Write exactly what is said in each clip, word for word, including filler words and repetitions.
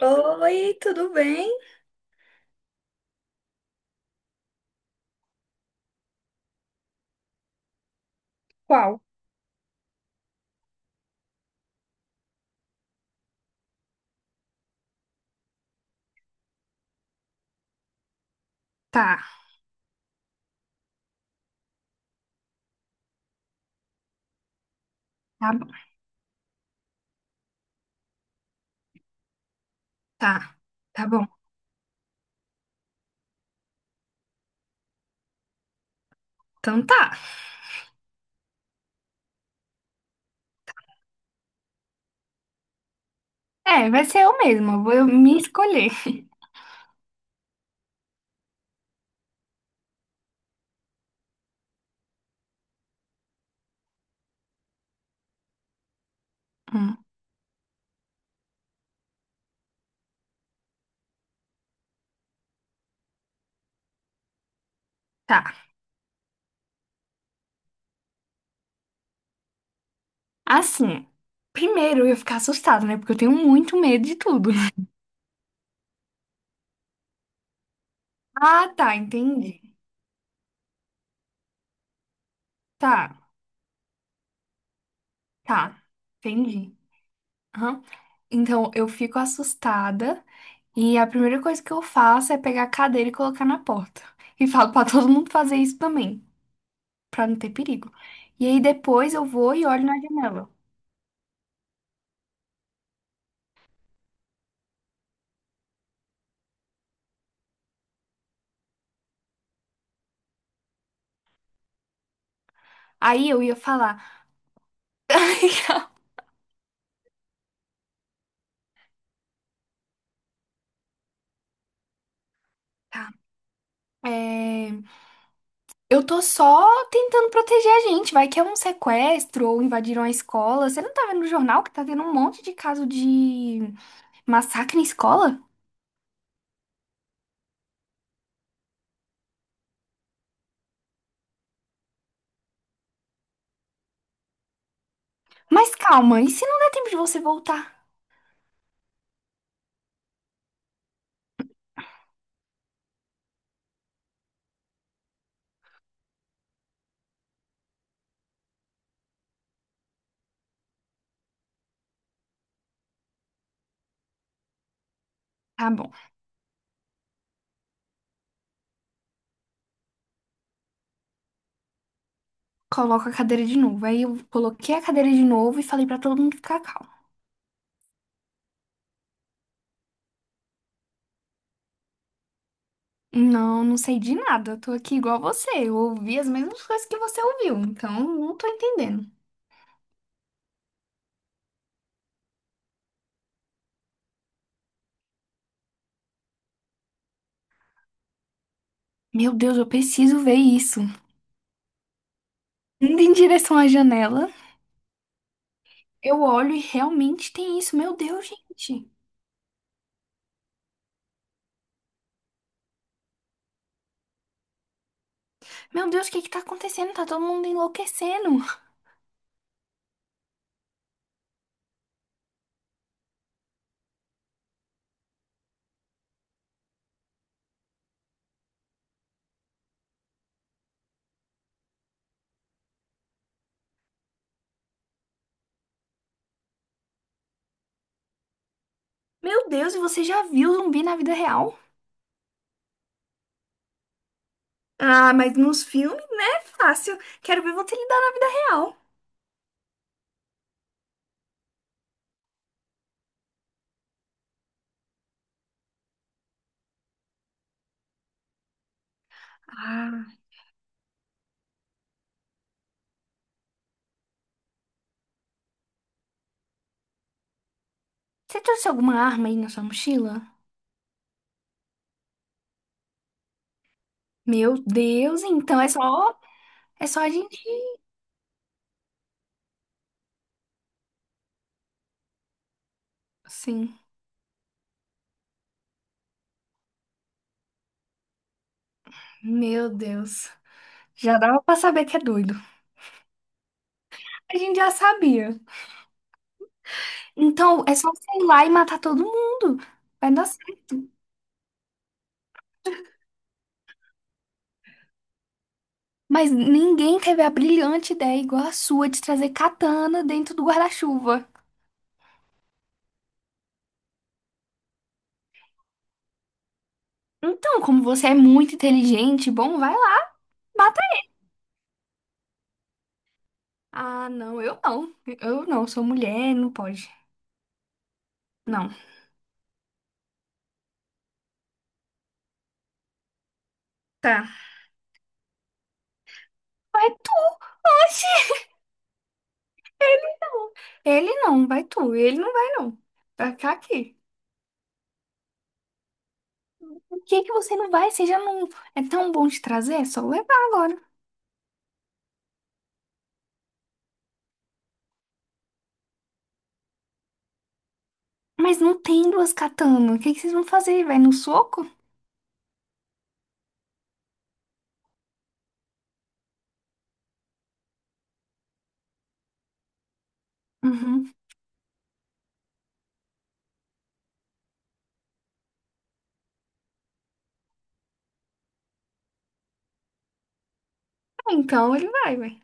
Oi, tudo bem? Qual? Tá, tá bom, tá, tá bom. Então tá. É, vai ser eu mesma, eu vou me escolher. Hum, tá. Assim, Primeiro eu ia ficar assustada, né? Porque eu tenho muito medo de tudo. Ah, tá, entendi. Tá, tá, entendi. Aham. Então eu fico assustada e a primeira coisa que eu faço é pegar a cadeira e colocar na porta. E falo pra todo mundo fazer isso também, pra não ter perigo. E aí depois eu vou e olho na janela. Aí eu ia falar. Tá. É, eu tô só tentando proteger a gente. Vai que é um sequestro ou invadiram a escola. Você não tá vendo no jornal que tá tendo um monte de caso de massacre em escola? Mas calma, e se não der tempo de você voltar? Tá bom, coloco a cadeira de novo. Aí eu coloquei a cadeira de novo e falei pra todo mundo ficar calmo. Não, não sei de nada. Eu tô aqui igual você. Eu ouvi as mesmas coisas que você ouviu, então não tô entendendo. Meu Deus, eu preciso ver isso. Indo em direção à janela, eu olho e realmente tem isso. Meu Deus, gente. Meu Deus, o que que tá acontecendo? Tá todo mundo enlouquecendo. Meu Deus, e você já viu zumbi na vida real? Ah, mas nos filmes, né? É fácil. Quero ver você lidar na vida real. Ah. Você trouxe alguma arma aí na sua mochila? Meu Deus, então é só, é só a gente. Sim, meu Deus. Já dava pra saber que é doido. A gente já sabia. Então é só você ir lá e matar todo mundo. Vai dar. Mas ninguém teve a brilhante ideia igual a sua de trazer katana dentro do guarda-chuva. Então, como você é muito inteligente, bom, vai lá, bata aí. Ah, não, eu não. Eu não, sou mulher, não pode. Não. Tá. Vai tu. Oxi, ele não. Ele não, vai tu. Ele não vai, não. Vai ficar aqui. Por que que você não vai? Você já não é tão bom de trazer? É só levar agora. Mas não tem duas katanas. O que que vocês vão fazer? Vai no soco? Uhum. Então ele vai, vai.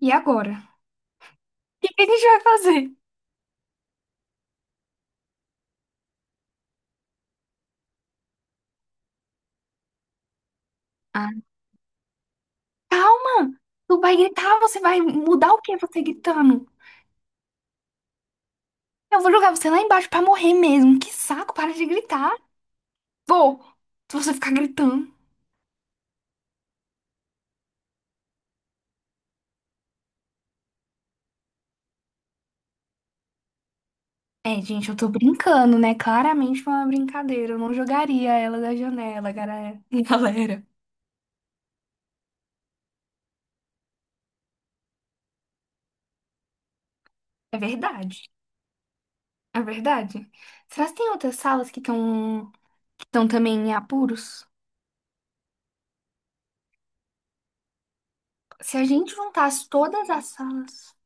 E agora? O que que a gente vai fazer? Ah, calma! Tu vai gritar, você vai mudar o que você gritando? Eu vou jogar você lá embaixo pra morrer mesmo. Que saco, para de gritar. Vou, se você ficar gritando. É, gente, eu tô brincando, né? Claramente foi uma brincadeira. Eu não jogaria ela da janela, galera. Galera. É verdade. É verdade. Será que tem outras salas que estão que estão também em apuros? Se a gente juntasse todas as salas.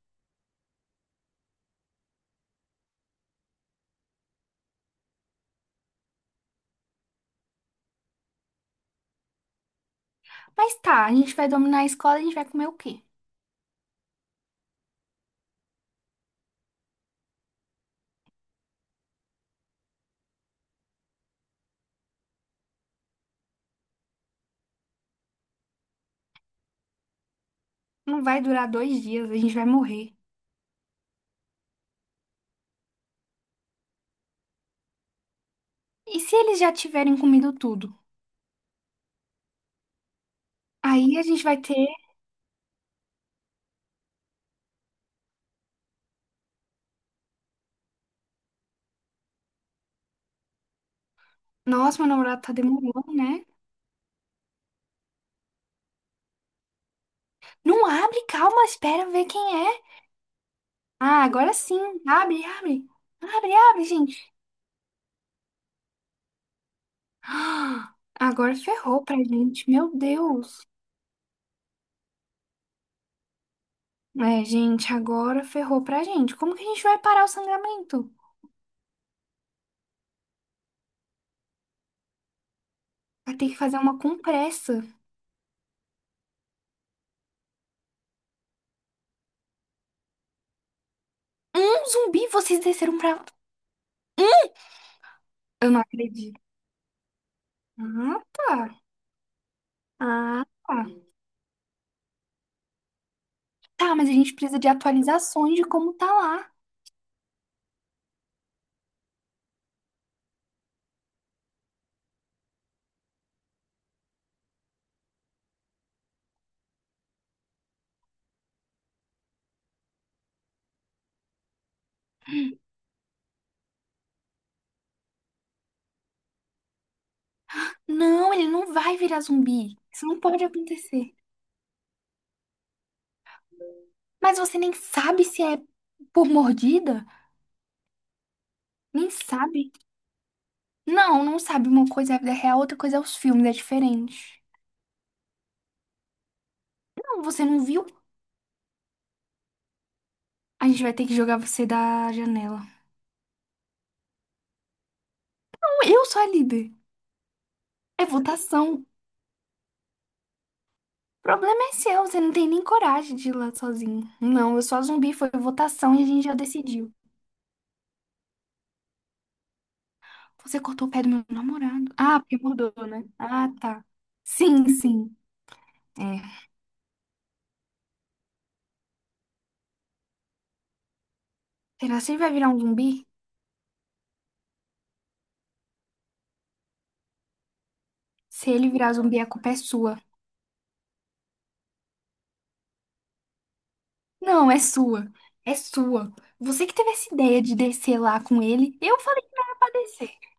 Mas tá, a gente vai dominar a escola, a gente vai comer o quê? Não vai durar dois dias, a gente vai morrer. E se eles já tiverem comido tudo? Aí a gente vai ter. Nossa, meu namorado tá demorando, né? Não abre, calma, espera ver quem é. Ah, agora sim. Abre, abre. Abre, abre, gente. Ah, agora ferrou pra gente, meu Deus. É, gente, agora ferrou pra gente. Como que a gente vai parar o sangramento? Vai ter que fazer uma compressa. Um zumbi, vocês desceram pra. Um? Eu não acredito. Ah, tá. Ah, tá. Tá, mas a gente precisa de atualizações de como tá lá. Não, ele não vai virar zumbi. Isso não pode acontecer. Mas você nem sabe se é por mordida? Nem sabe? Não, não sabe. Uma coisa é a vida real, outra coisa é os filmes, é diferente. Não, você não viu? A gente vai ter que jogar você da janela. Não, eu sou a líder. É votação. O problema é seu, você não tem nem coragem de ir lá sozinho. Não, eu sou a zumbi, foi votação e a gente já decidiu. Você cortou o pé do meu namorado. Ah, porque mudou, né? Ah, tá. Sim, sim. É. Será que ele vai virar um zumbi? Se ele virar zumbi, a culpa é sua. Não, é sua. É sua. Você que teve essa ideia de descer lá com ele. Eu falei que não ia pra descer.